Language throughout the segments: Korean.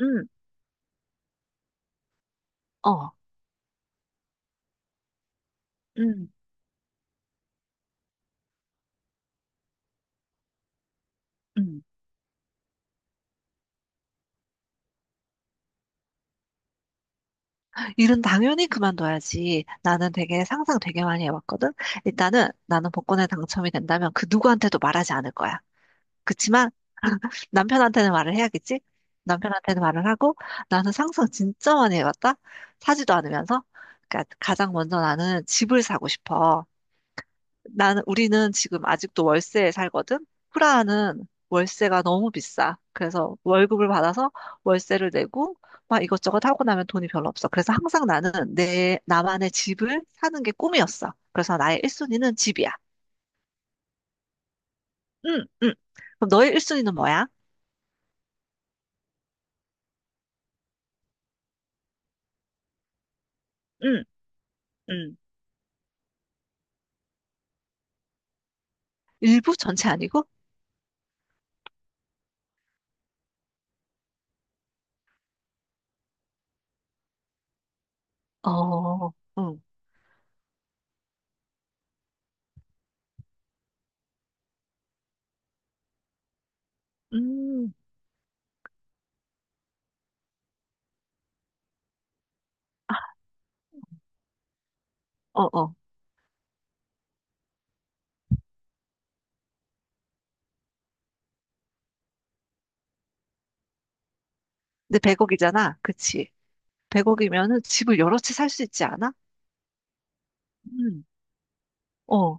응, 어. 응, 응, 일은 당연히 그만둬야지. 나는 되게 상상 되게 많이 해봤거든. 일단은 나는 복권에 당첨이 된다면 그 누구한테도 말하지 않을 거야. 그치만 남편한테는 말을 해야겠지? 남편한테는 말을 하고 나는 상상 진짜 많이 해봤다. 사지도 않으면서. 그러니까 가장 먼저 나는 집을 사고 싶어. 나는 우리는 지금 아직도 월세에 살거든. 프라하는 월세가 너무 비싸. 그래서 월급을 받아서 월세를 내고 막 이것저것 하고 나면 돈이 별로 없어. 그래서 항상 나는 내 나만의 집을 사는 게 꿈이었어. 그래서 나의 1순위는 집이야. 응, 응. 그럼 너의 1순위는 뭐야? 응, 응. 일부 전체 아니고? 어, 응, 음, 어, 어. 근데 100억이잖아. 그치? 100억이면은 집을 여러 채 살 수 있지 않아? 응, 어.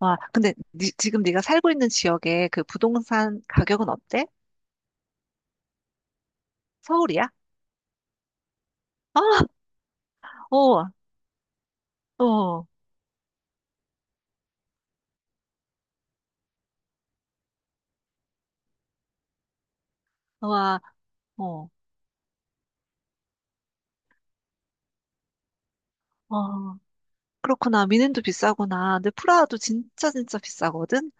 와, 근데 지금 네가 살고 있는 지역의 그 부동산 가격은 어때? 서울이야? 아, 어, 어, 와, 어, 어. 그렇구나. 미넨도 비싸구나. 근데 프라하도 진짜 진짜 비싸거든.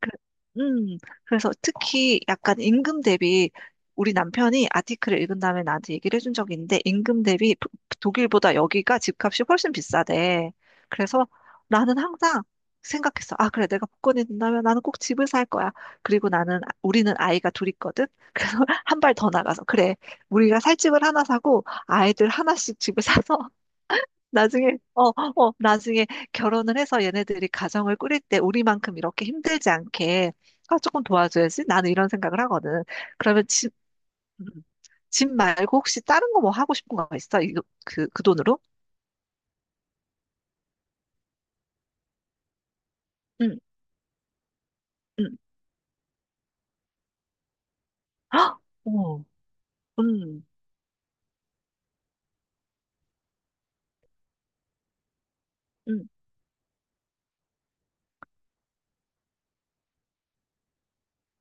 그- 음, 그래서 특히 약간 임금 대비 우리 남편이 아티클을 읽은 다음에 나한테 얘기를 해준 적이 있는데 임금 대비 독일보다 여기가 집값이 훨씬 비싸대. 그래서 나는 항상 생각했어. 아, 그래. 내가 복권이 된다면 나는 꼭 집을 살 거야. 그리고 우리는 아이가 둘 있거든? 그래서 한 발 더 나가서. 그래. 우리가 살 집을 하나 사고 아이들 하나씩 집을 사서 나중에 결혼을 해서 얘네들이 가정을 꾸릴 때 우리만큼 이렇게 힘들지 않게, 아, 조금 도와줘야지. 나는 이런 생각을 하거든. 그러면 집, 음, 집 말고 혹시 다른 거 뭐 하고 싶은 거 있어? 그 돈으로? 응, 응. 헉! 어, 응, 응,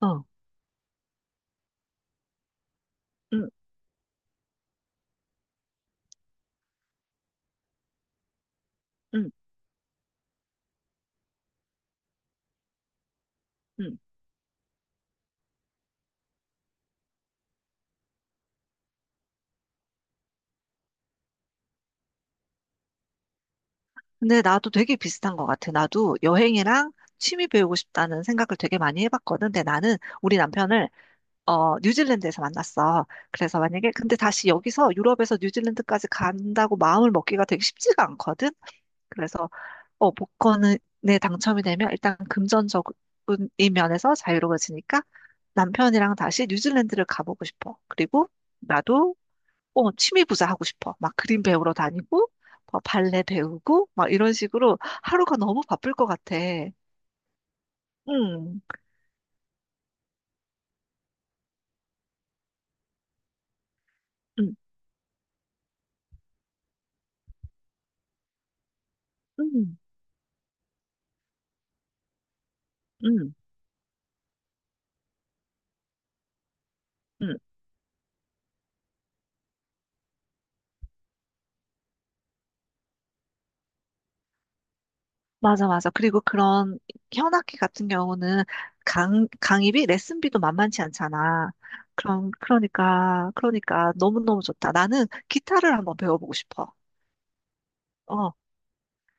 어, 응, 응, 응. 근데 나도 되게 비슷한 것 같아. 나도 여행이랑 취미 배우고 싶다는 생각을 되게 많이 해봤거든. 근데 나는 우리 남편을 뉴질랜드에서 만났어. 그래서 만약에, 근데 다시 여기서 유럽에서 뉴질랜드까지 간다고 마음을 먹기가 되게 쉽지가 않거든? 그래서, 복권에 당첨이 되면 일단 금전적인 면에서 자유로워지니까 남편이랑 다시 뉴질랜드를 가보고 싶어. 그리고 나도, 취미 부자 하고 싶어. 막 그림 배우러 다니고, 뭐 발레 배우고, 막 이런 식으로 하루가 너무 바쁠 것 같아. 응, 응, 응, 응, 응. 맞아, 맞아. 그리고 그런 현악기 같은 경우는 강의비, 레슨비도 만만치 않잖아. 그럼, 그러니까 너무너무 좋다. 나는 기타를 한번 배워보고 싶어. 어.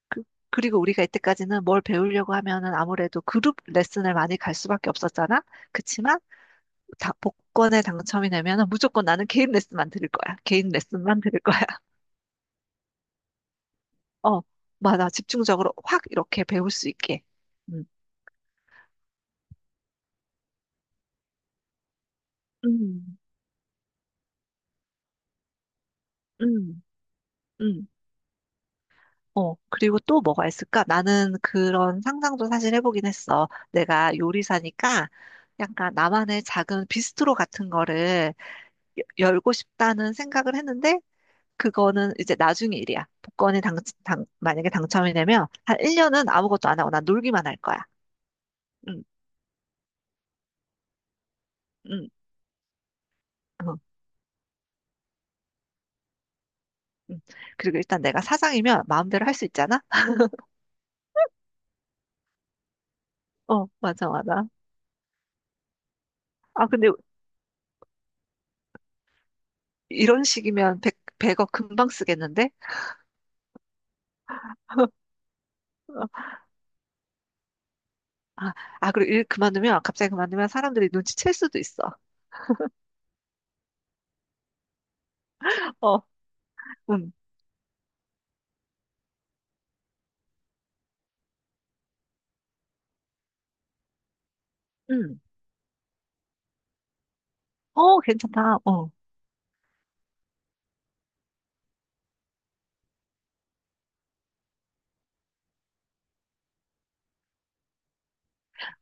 그, 그리고 우리가 이때까지는 뭘 배우려고 하면은 아무래도 그룹 레슨을 많이 갈 수밖에 없었잖아. 그치만, 복권에 당첨이 되면은 무조건 나는 개인 레슨만 들을 거야. 개인 레슨만 들을 거야. 어. 맞아. 집중적으로 확 이렇게 배울 수 있게. 음, 음, 음. 음. 어, 그리고 또 뭐가 있을까? 나는 그런 상상도 사실 해보긴 했어. 내가 요리사니까 약간 나만의 작은 비스트로 같은 거를 여- 열고 싶다는 생각을 했는데, 그거는 이제 나중에 일이야. 만약에 당첨이 되면 한 1년은 아무것도 안 하고 난 놀기만 할 거야. 응, 응, 어, 응. 그리고 일단 내가 사장이면 마음대로 할 수 있잖아? 어, 맞아, 맞아. 아, 근데 이런 식이면 백백 100억 금방 쓰겠는데? 아, 아, 그리고 일 그만두면, 갑자기 그만두면 사람들이 눈치챌 수도 있어. 어, 음, 음. 어, 괜찮다. 어,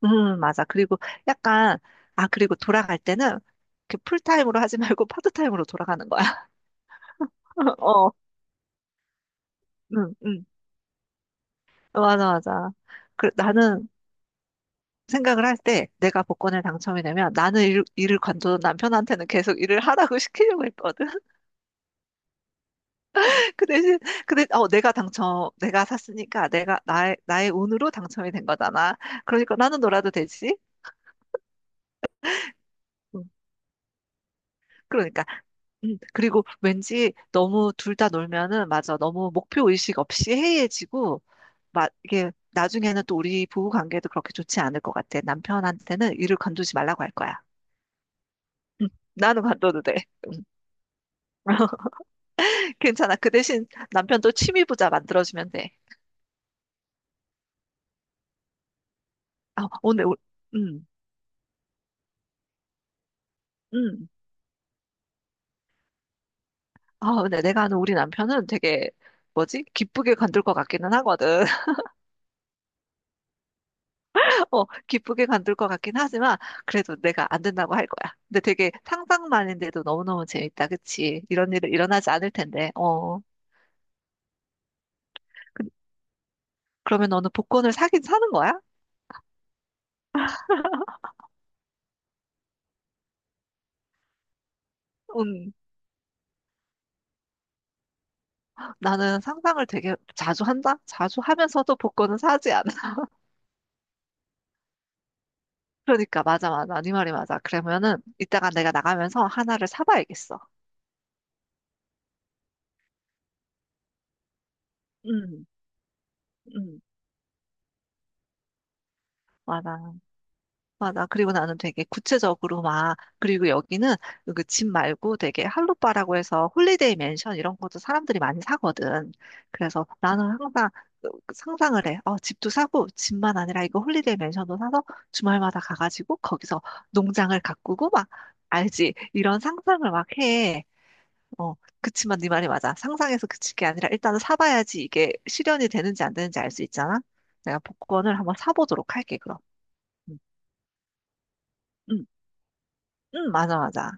맞아. 그리고 약간, 아, 그리고 돌아갈 때는 그 풀타임으로 하지 말고 파트타임으로 돌아가는 거야. 어, 응, 응. 맞아, 맞아. 그, 나는 생각을 할 때 내가 복권에 당첨이 되면 나는 일을 관둬도 남편한테는 계속 일을 하라고 시키려고 했거든. 그 대신, 그 대신, 어, 내가 샀으니까 나의 운으로 당첨이 된 거잖아. 그러니까 나는 놀아도 되지. 음, 그러니까. 그리고 왠지 너무 둘 다 놀면은, 맞아. 너무 목표 의식 없이 해이해지고, 막, 이게, 나중에는 또 우리 부부 관계도 그렇게 좋지 않을 것 같아. 남편한테는 일을 관두지 말라고 할 거야. 음, 나는 관둬도 돼. 음. 괜찮아. 그 대신 남편도 취미 부자 만들어주면 돼. 아, 오늘, 음, 음. 아, 근데 내가 아는 우리 남편은 되게 뭐지? 기쁘게 관둘 것 같기는 하거든. 어, 기쁘게 관둘 것 같긴 하지만 그래도 내가 안 된다고 할 거야. 근데 되게 상상만인데도 너무너무 재밌다. 그치? 이런 일은 일어나지 않을 텐데. 어. 그, 그러면 너는 복권을 사긴 사는 거야? 음 나는 상상을 되게 자주 한다? 자주 하면서도 복권은 사지 않아. 그러니까 맞아, 맞아. 네 말이 맞아. 그러면은 이따가 내가 나가면서 하나를 사봐야겠어. 응. 응. 맞아. 맞아. 그리고 나는 되게 구체적으로 막, 그리고 여기는 그 집 말고 되게 할로빠라고 해서 홀리데이 맨션 이런 것도 사람들이 많이 사거든. 그래서 나는 항상 그 상상을 해. 어, 집도 사고, 집만 아니라 이거 홀리데이 맨션도 사서 주말마다 가가지고 거기서 농장을 가꾸고 막, 알지? 이런 상상을 막 해. 어, 그치만 네 말이 맞아. 상상해서 그칠 게 아니라 일단은 사봐야지 이게 실현이 되는지 안 되는지 알 수 있잖아. 내가 복권을 한번 사보도록 할게, 그럼. 음. 음. 응, 맞아, 맞아.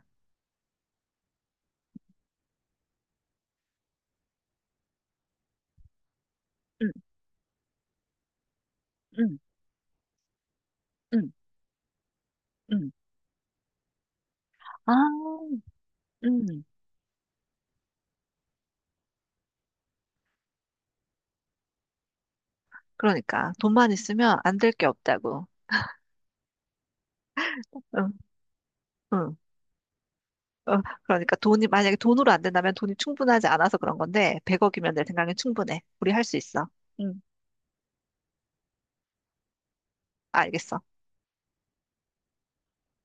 응, 응, 응, 응. 아, 응. 그러니까 돈만 있으면 안 될 게 없다고. 응, 응. 어, 그러니까 돈이 만약에 돈으로 안 된다면 돈이 충분하지 않아서 그런 건데 100억이면 내 생각엔 충분해. 우리 할 수 있어. 응, 알겠어.